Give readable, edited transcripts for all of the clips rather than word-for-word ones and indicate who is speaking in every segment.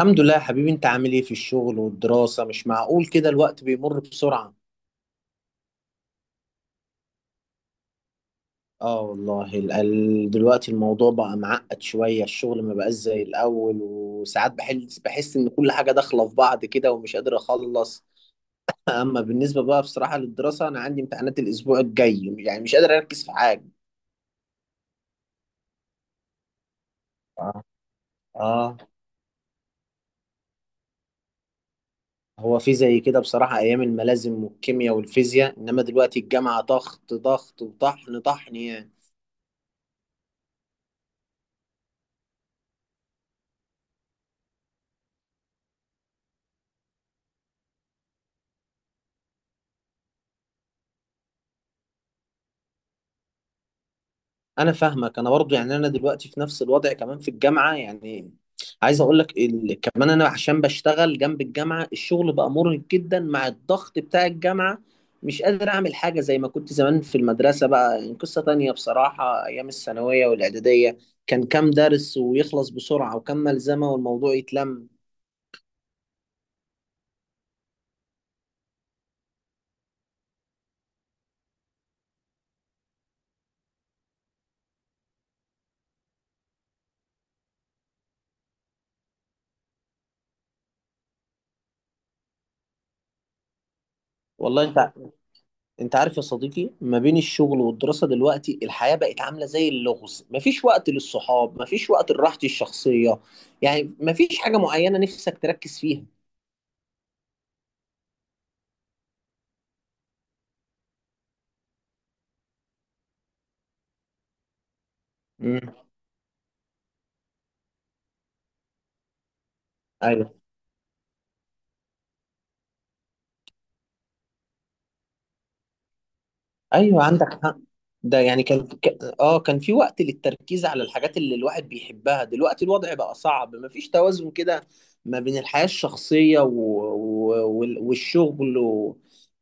Speaker 1: الحمد لله يا حبيبي، انت عامل ايه في الشغل والدراسة؟ مش معقول كده الوقت بيمر بسرعة. اه والله، دلوقتي الموضوع بقى معقد شوية، الشغل ما بقاش زي الأول وساعات بحس ان كل حاجة داخلة في بعض كده ومش قادر اخلص. اما بالنسبة بقى بصراحة للدراسة، انا عندي امتحانات الاسبوع الجاي، يعني مش قادر اركز في حاجة. اه. اه، هو في زي كده بصراحة ايام الملازم والكيمياء والفيزياء، انما دلوقتي الجامعة ضغط ضغط وطحن طحن يعني. انا فاهمك، انا برضو يعني انا دلوقتي في نفس الوضع كمان في الجامعه يعني. عايز اقول لك كمان انا عشان بشتغل جنب الجامعه، الشغل بقى مرهق جدا مع الضغط بتاع الجامعه. مش قادر اعمل حاجه زي ما كنت زمان في المدرسه، بقى يعني قصه تانية بصراحه. ايام الثانويه والاعداديه كان كام درس ويخلص بسرعه وكام ملزمه والموضوع يتلم. والله انت، انت عارف يا صديقي، ما بين الشغل والدراسة دلوقتي الحياة بقت عاملة زي اللغز، مفيش وقت للصحاب، مفيش وقت لراحتي الشخصية. يعني مفيش حاجة معينة نفسك تركز فيها. امم. ايوه. ايوه عندك حق. ده يعني كان كان في وقت للتركيز على الحاجات اللي الواحد بيحبها، دلوقتي الوضع بقى صعب، مفيش توازن كده. ما بين الحياة الشخصية و والشغل و...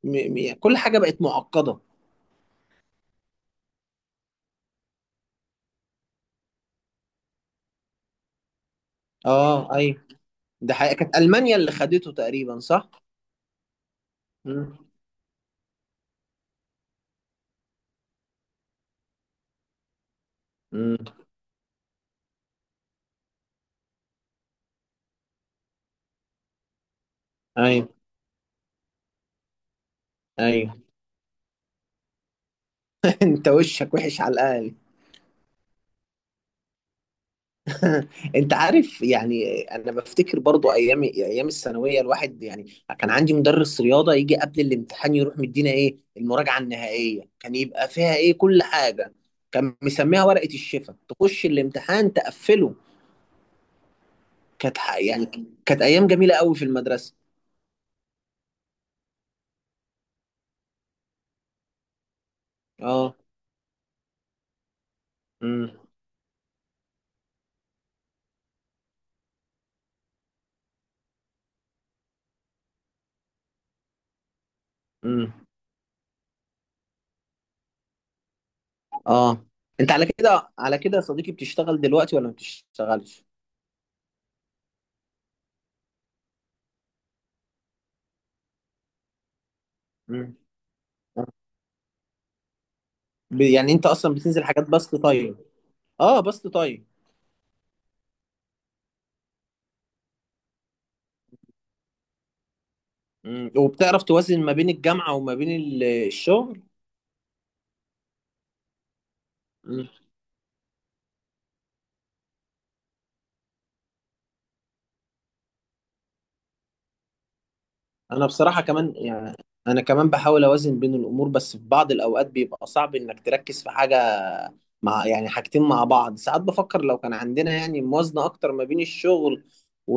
Speaker 1: م... كل حاجة بقت معقدة. اه ايوه. ده حقيقة كانت ألمانيا اللي خدته تقريبا، صح؟ مم. مم. ايوه. ايوه. انت وشك وحش على الاقل. انت عارف يعني، انا بفتكر برضو ايام الثانويه، الواحد يعني كان عندي مدرس رياضه يجي قبل الامتحان يروح مدينا ايه المراجعه النهائيه، كان يبقى فيها ايه كل حاجه. كان مسميها ورقه الشفا، تخش الامتحان تقفله. كانت ح- يعني كانت ايام جميله قوي في المدرسه. اه. امم. امم. اه، انت على كده، على كده يا صديقي بتشتغل دلوقتي ولا ما بتشتغلش؟ امم. يعني انت اصلا بتنزل حاجات بسط طيب؟ اه، بسط طيب. مم. وبتعرف توازن ما بين الجامعة وما بين الشغل؟ مم. انا بصراحة كمان يعني، انا كمان بحاول اوازن بين الامور، بس في بعض الاوقات بيبقى صعب انك تركز في حاجة، مع يعني حاجتين مع بعض. ساعات بفكر لو كان عندنا يعني موازنة اكتر ما بين الشغل و...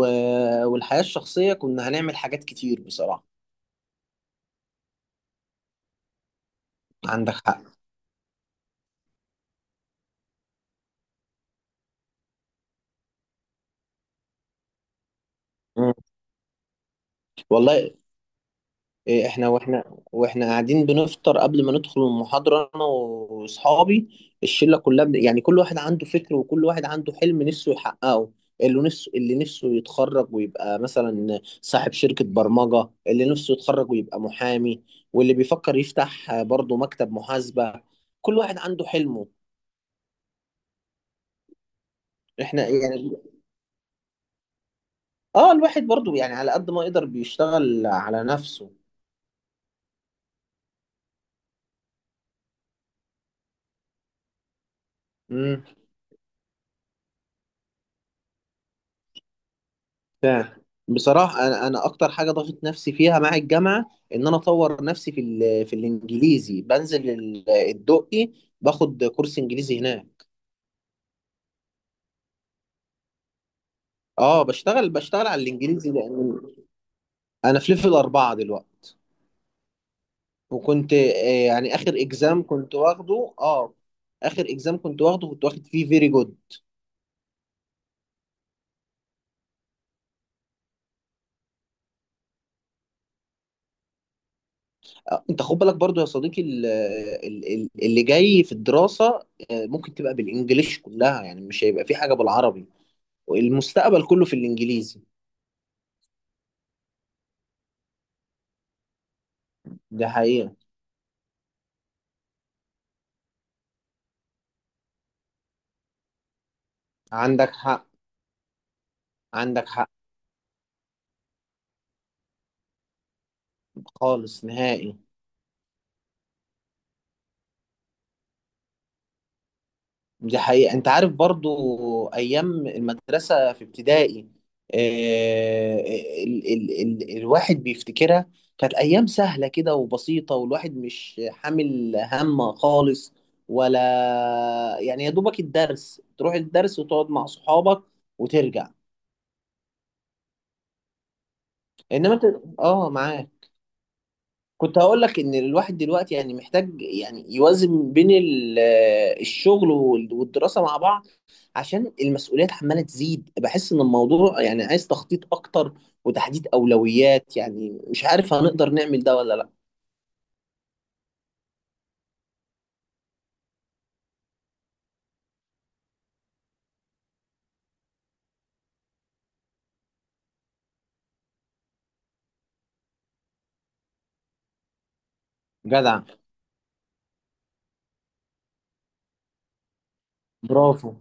Speaker 1: والحياة الشخصية، كنا هنعمل حاجات كتير بصراحة. عندك حق. مم. والله. إيه، احنا واحنا واحنا قاعدين بنفطر قبل ما ندخل المحاضرة انا واصحابي، الشلة كلها يعني كل واحد عنده فكر وكل واحد عنده حلم نفسه يحققه. اللي نفسه يتخرج ويبقى مثلا صاحب شركة برمجة، اللي نفسه يتخرج ويبقى محامي، واللي بيفكر يفتح برضه مكتب محاسبة. كل واحد عنده حلمه. احنا يعني، اه الواحد برضه يعني على قد ما يقدر بيشتغل على نفسه. فعلا. بصراحة أنا أكتر حاجة ضغط نفسي فيها مع الجامعة، إن أنا أطور نفسي في الإنجليزي. بنزل الدقي باخد كورس إنجليزي هناك. أه، بشتغل على الإنجليزي، لأن أنا في ليفل أربعة دلوقتي. وكنت يعني آخر إكزام كنت واخده، أه آخر إكزام كنت واخده كنت واخد فيه فيري جود. أنت خد بالك برضو يا صديقي اللي جاي في الدراسة ممكن تبقى بالإنجليش كلها، يعني مش هيبقى في حاجة بالعربي. المستقبل كله في الانجليزي. ده حقيقة. عندك حق. عندك حق. خالص نهائي. دي حقيقة، انت عارف برضو ايام المدرسة في ابتدائي، آه، ال الواحد بيفتكرها، كانت ايام سهلة كده وبسيطة والواحد مش حامل هم خالص، ولا يعني يا دوبك الدرس، تروح الدرس وتقعد مع صحابك وترجع. انما انت. اه معاك. كنت هقول لك ان الواحد دلوقتي يعني محتاج يعني يوازن بين الشغل والدراسة مع بعض، عشان المسؤوليات عمالة تزيد. بحس ان الموضوع يعني عايز تخطيط اكتر وتحديد اولويات، يعني مش عارف هنقدر نعمل ده ولا لا. جدع. برافو.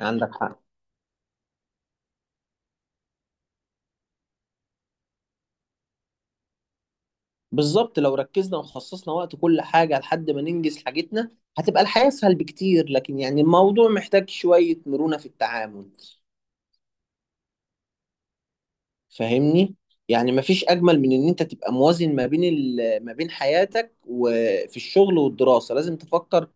Speaker 1: عندك حق. بالظبط، لو ركزنا وخصصنا وقت كل حاجة لحد ما ننجز حاجتنا هتبقى الحياة اسهل بكتير، لكن يعني الموضوع محتاج شوية مرونة في التعامل. فاهمني؟ يعني مفيش اجمل من ان انت تبقى موازن ما بين ما بين حياتك، وفي الشغل والدراسه لازم تفكر.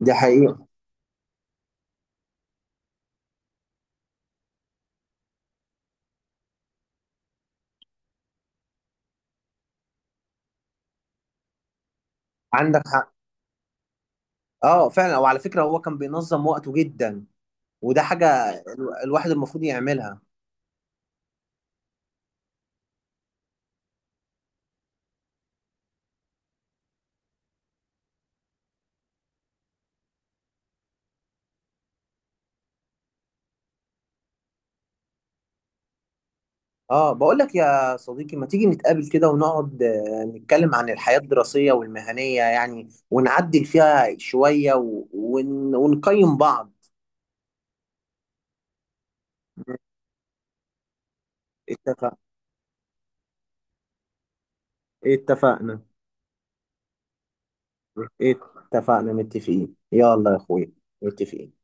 Speaker 1: دي حقيقة. عندك حق. اه فعلا، وعلى فكره هو كان بينظم وقته جدا، وده حاجه الواحد المفروض يعملها. اه، بقول لك يا صديقي، ما تيجي نتقابل كده ونقعد نتكلم عن الحياه الدراسيه والمهنيه يعني، ونعدل فيها شويه و ونقيم بعض. اتفق. اتفقنا. اتفقنا، متفقين، يلا يا اخويا. متفقين.